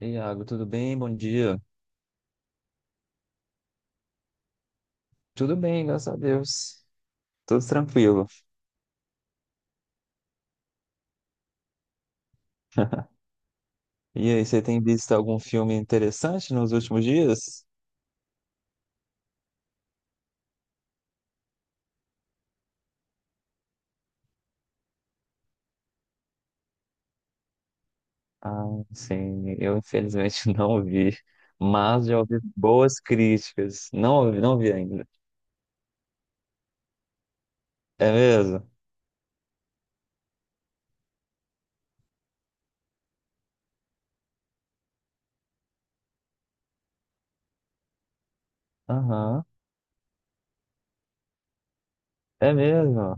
Ei, Iago, tudo bem? Bom dia. Tudo bem, graças a Deus. Tudo tranquilo. E aí, você tem visto algum filme interessante nos últimos dias? Ah, sim, eu infelizmente não vi, mas já ouvi boas críticas. Não ouvi, não vi ainda. É mesmo? Aham, é mesmo.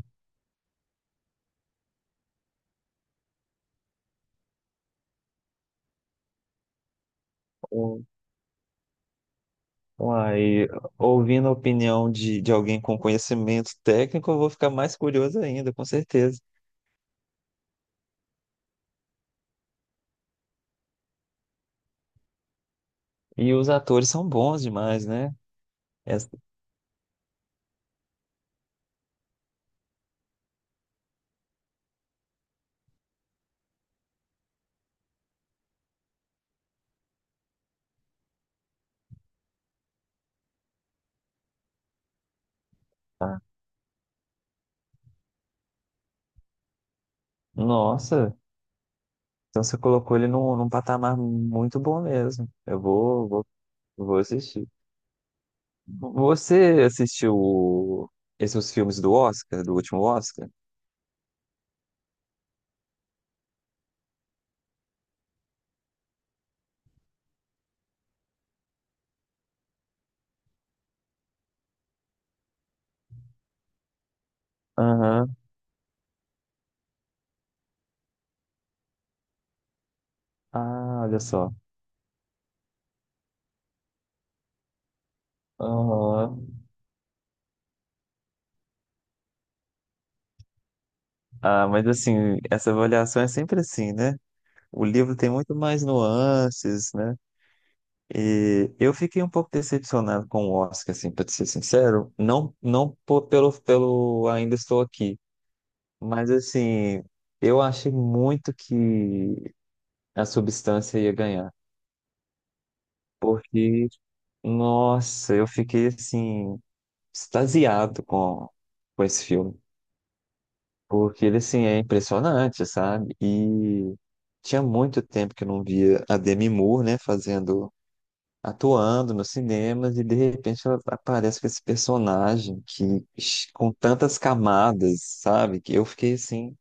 U- Uai, ouvindo a opinião de alguém com conhecimento técnico, eu vou ficar mais curioso ainda, com certeza. E os atores são bons demais, né? Essa- ah, Nossa. Então você colocou ele num patamar muito bom mesmo. Vou assistir. Você assistiu o- Esses filmes do Oscar, do último Oscar? Aham. Ah, olha só. Aham. Ah, mas assim, essa avaliação é sempre assim, né? O livro tem muito mais nuances, né? E eu fiquei um pouco decepcionado com o Oscar, assim, para ser sincero. Não, não po- Pelo, pelo Ainda Estou Aqui, mas assim, eu achei muito que a substância ia ganhar. Porque, nossa, eu fiquei assim, extasiado com esse filme. Porque ele, assim, é impressionante, sabe? E tinha muito tempo que eu não via a Demi Moore, né, fazendo, atuando nos cinemas, e de repente ela aparece com esse personagem que, com tantas camadas, sabe? Que eu fiquei, assim,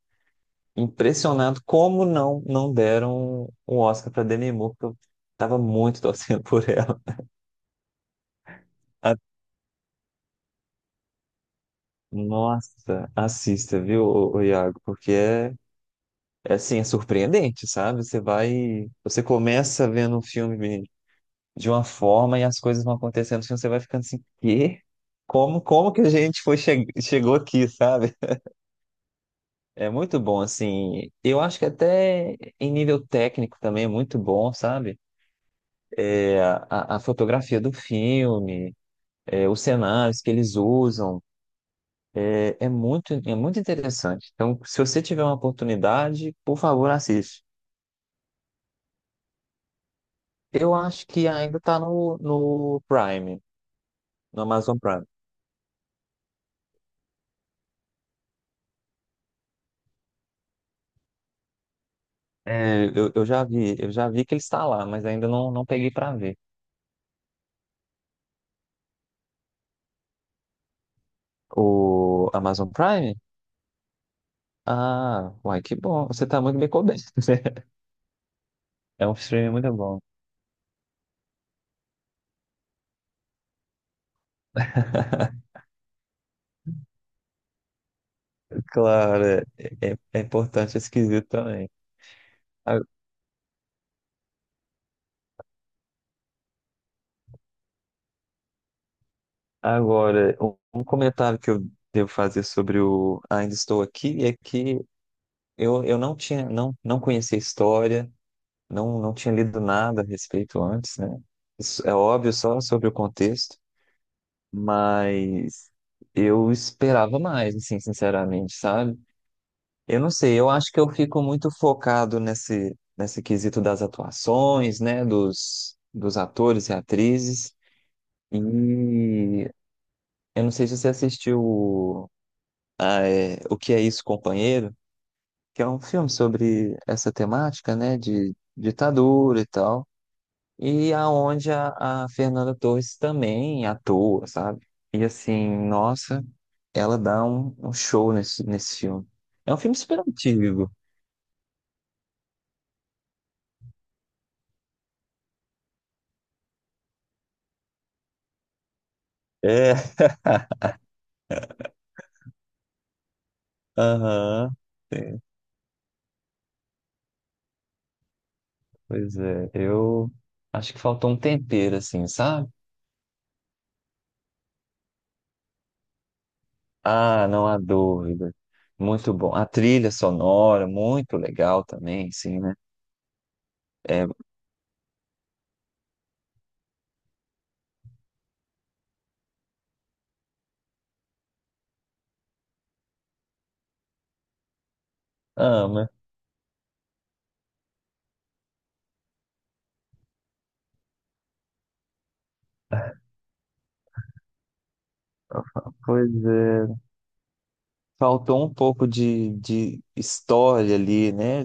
impressionado como não deram um Oscar para Demi Moore, que eu tava muito torcendo por ela. Nossa, assista, viu, ô Iago? Porque é, é assim, é surpreendente, sabe? Você começa vendo um filme de uma forma e as coisas vão acontecendo, assim, você vai ficando assim, quê? Como, como que a gente foi che- chegou aqui, sabe? É muito bom, assim. Eu acho que até em nível técnico também é muito bom, sabe? A fotografia do filme, é, os cenários que eles usam. É muito interessante. Então, se você tiver uma oportunidade, por favor, assiste. Eu acho que ainda está no Prime, no Amazon Prime. Eu já vi que ele está lá, mas ainda não, não peguei para ver. O Amazon Prime? Ah, uai, que bom. Você está muito bem coberto, né? É um streaming muito bom. Claro, é importante, é esquisito também. A- Agora, um comentário que eu devo fazer sobre o Ainda Estou Aqui é que eu não tinha, não, não conhecia a história, não tinha lido nada a respeito antes, né? Isso é óbvio só sobre o contexto, mas eu esperava mais, assim, sinceramente, sabe? Eu não sei, eu acho que eu fico muito focado nesse quesito das atuações, né? Dos atores e atrizes. E eu não sei se você assistiu O Que É Isso, Companheiro, que é um filme sobre essa temática, né? De ditadura e tal. E aonde a Fernanda Torres também atua, sabe? E assim, nossa, ela dá um show nesse filme. É um filme super antigo. É, aham. Pois é, eu acho que faltou um tempero, assim, sabe? Ah, não há dúvida. Muito bom. A trilha sonora, muito legal também, sim, né? É, ama. Pois é. Faltou um pouco de história ali, né?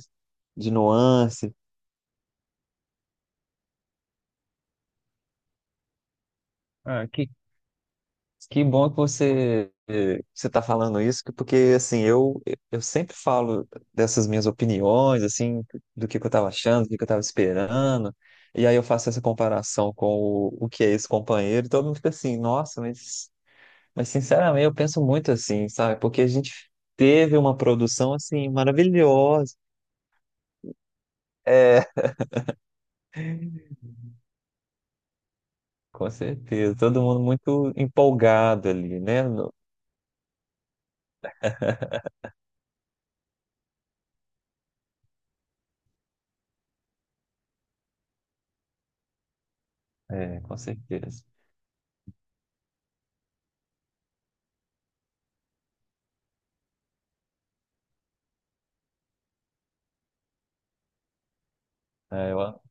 De nuance. Ah, que, que bom que você está falando isso, porque assim eu sempre falo dessas minhas opiniões, assim, que eu estava achando, que eu estava esperando, e aí eu faço essa comparação com o que é esse companheiro, e todo mundo fica assim, nossa, mas sinceramente eu penso muito assim, sabe? Porque a gente teve uma produção assim maravilhosa. É, com certeza, todo mundo muito empolgado ali, né? É, com certeza. É, eu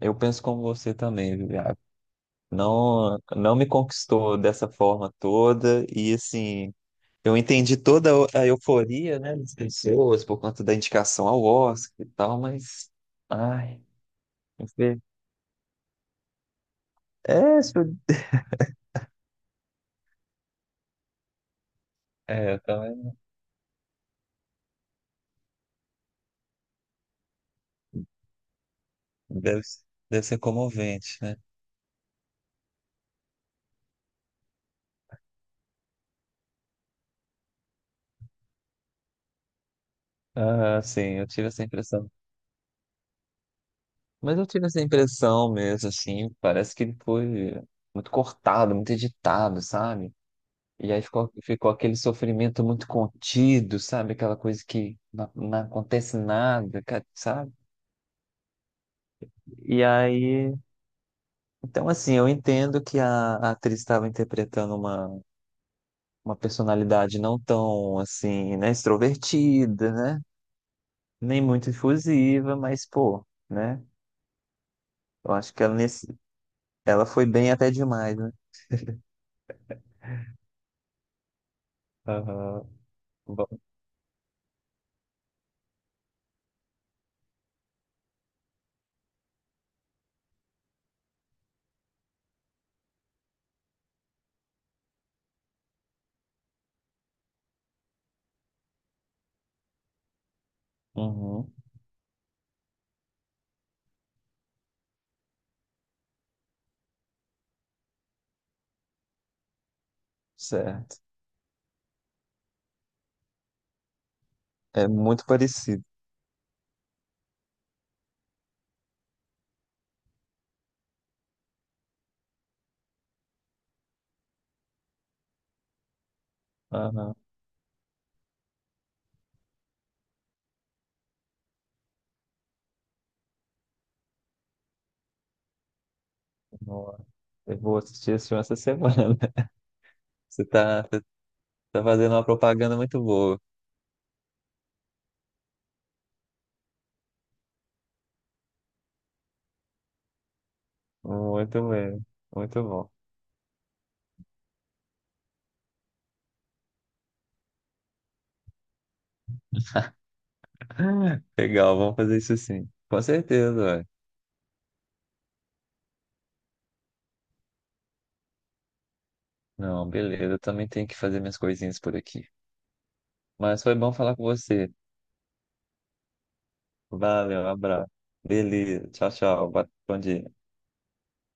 Eu penso como você também, Juliana. Não, não me conquistou dessa forma toda e assim, eu entendi toda a euforia, né, das pessoas por conta da indicação ao Oscar e tal, mas ai, infe- isso- é, eu também deve, deve ser comovente, né? Ah, sim, eu tive essa impressão. Mas eu tive essa impressão mesmo, assim, parece que ele foi muito cortado, muito editado, sabe? E aí ficou aquele sofrimento muito contido, sabe? Aquela coisa que não acontece nada, sabe? E aí. Então, assim, eu entendo que a atriz estava interpretando uma personalidade não tão, assim, né? Extrovertida, né? Nem muito efusiva, mas, pô, né? Eu acho que ela, nesse, ela foi bem até demais, né? Aham. Bom, uhum. Certo. É muito parecido. Aham. Nossa. Eu vou assistir esse filme essa semana. Você tá fazendo uma propaganda muito boa. Muito mesmo. Muito bom. Legal, vamos fazer isso sim. Com certeza, ué. Não, beleza. Eu também tenho que fazer minhas coisinhas por aqui. Mas foi bom falar com você. Valeu, um abraço. Beleza. Tchau, tchau. Bom dia.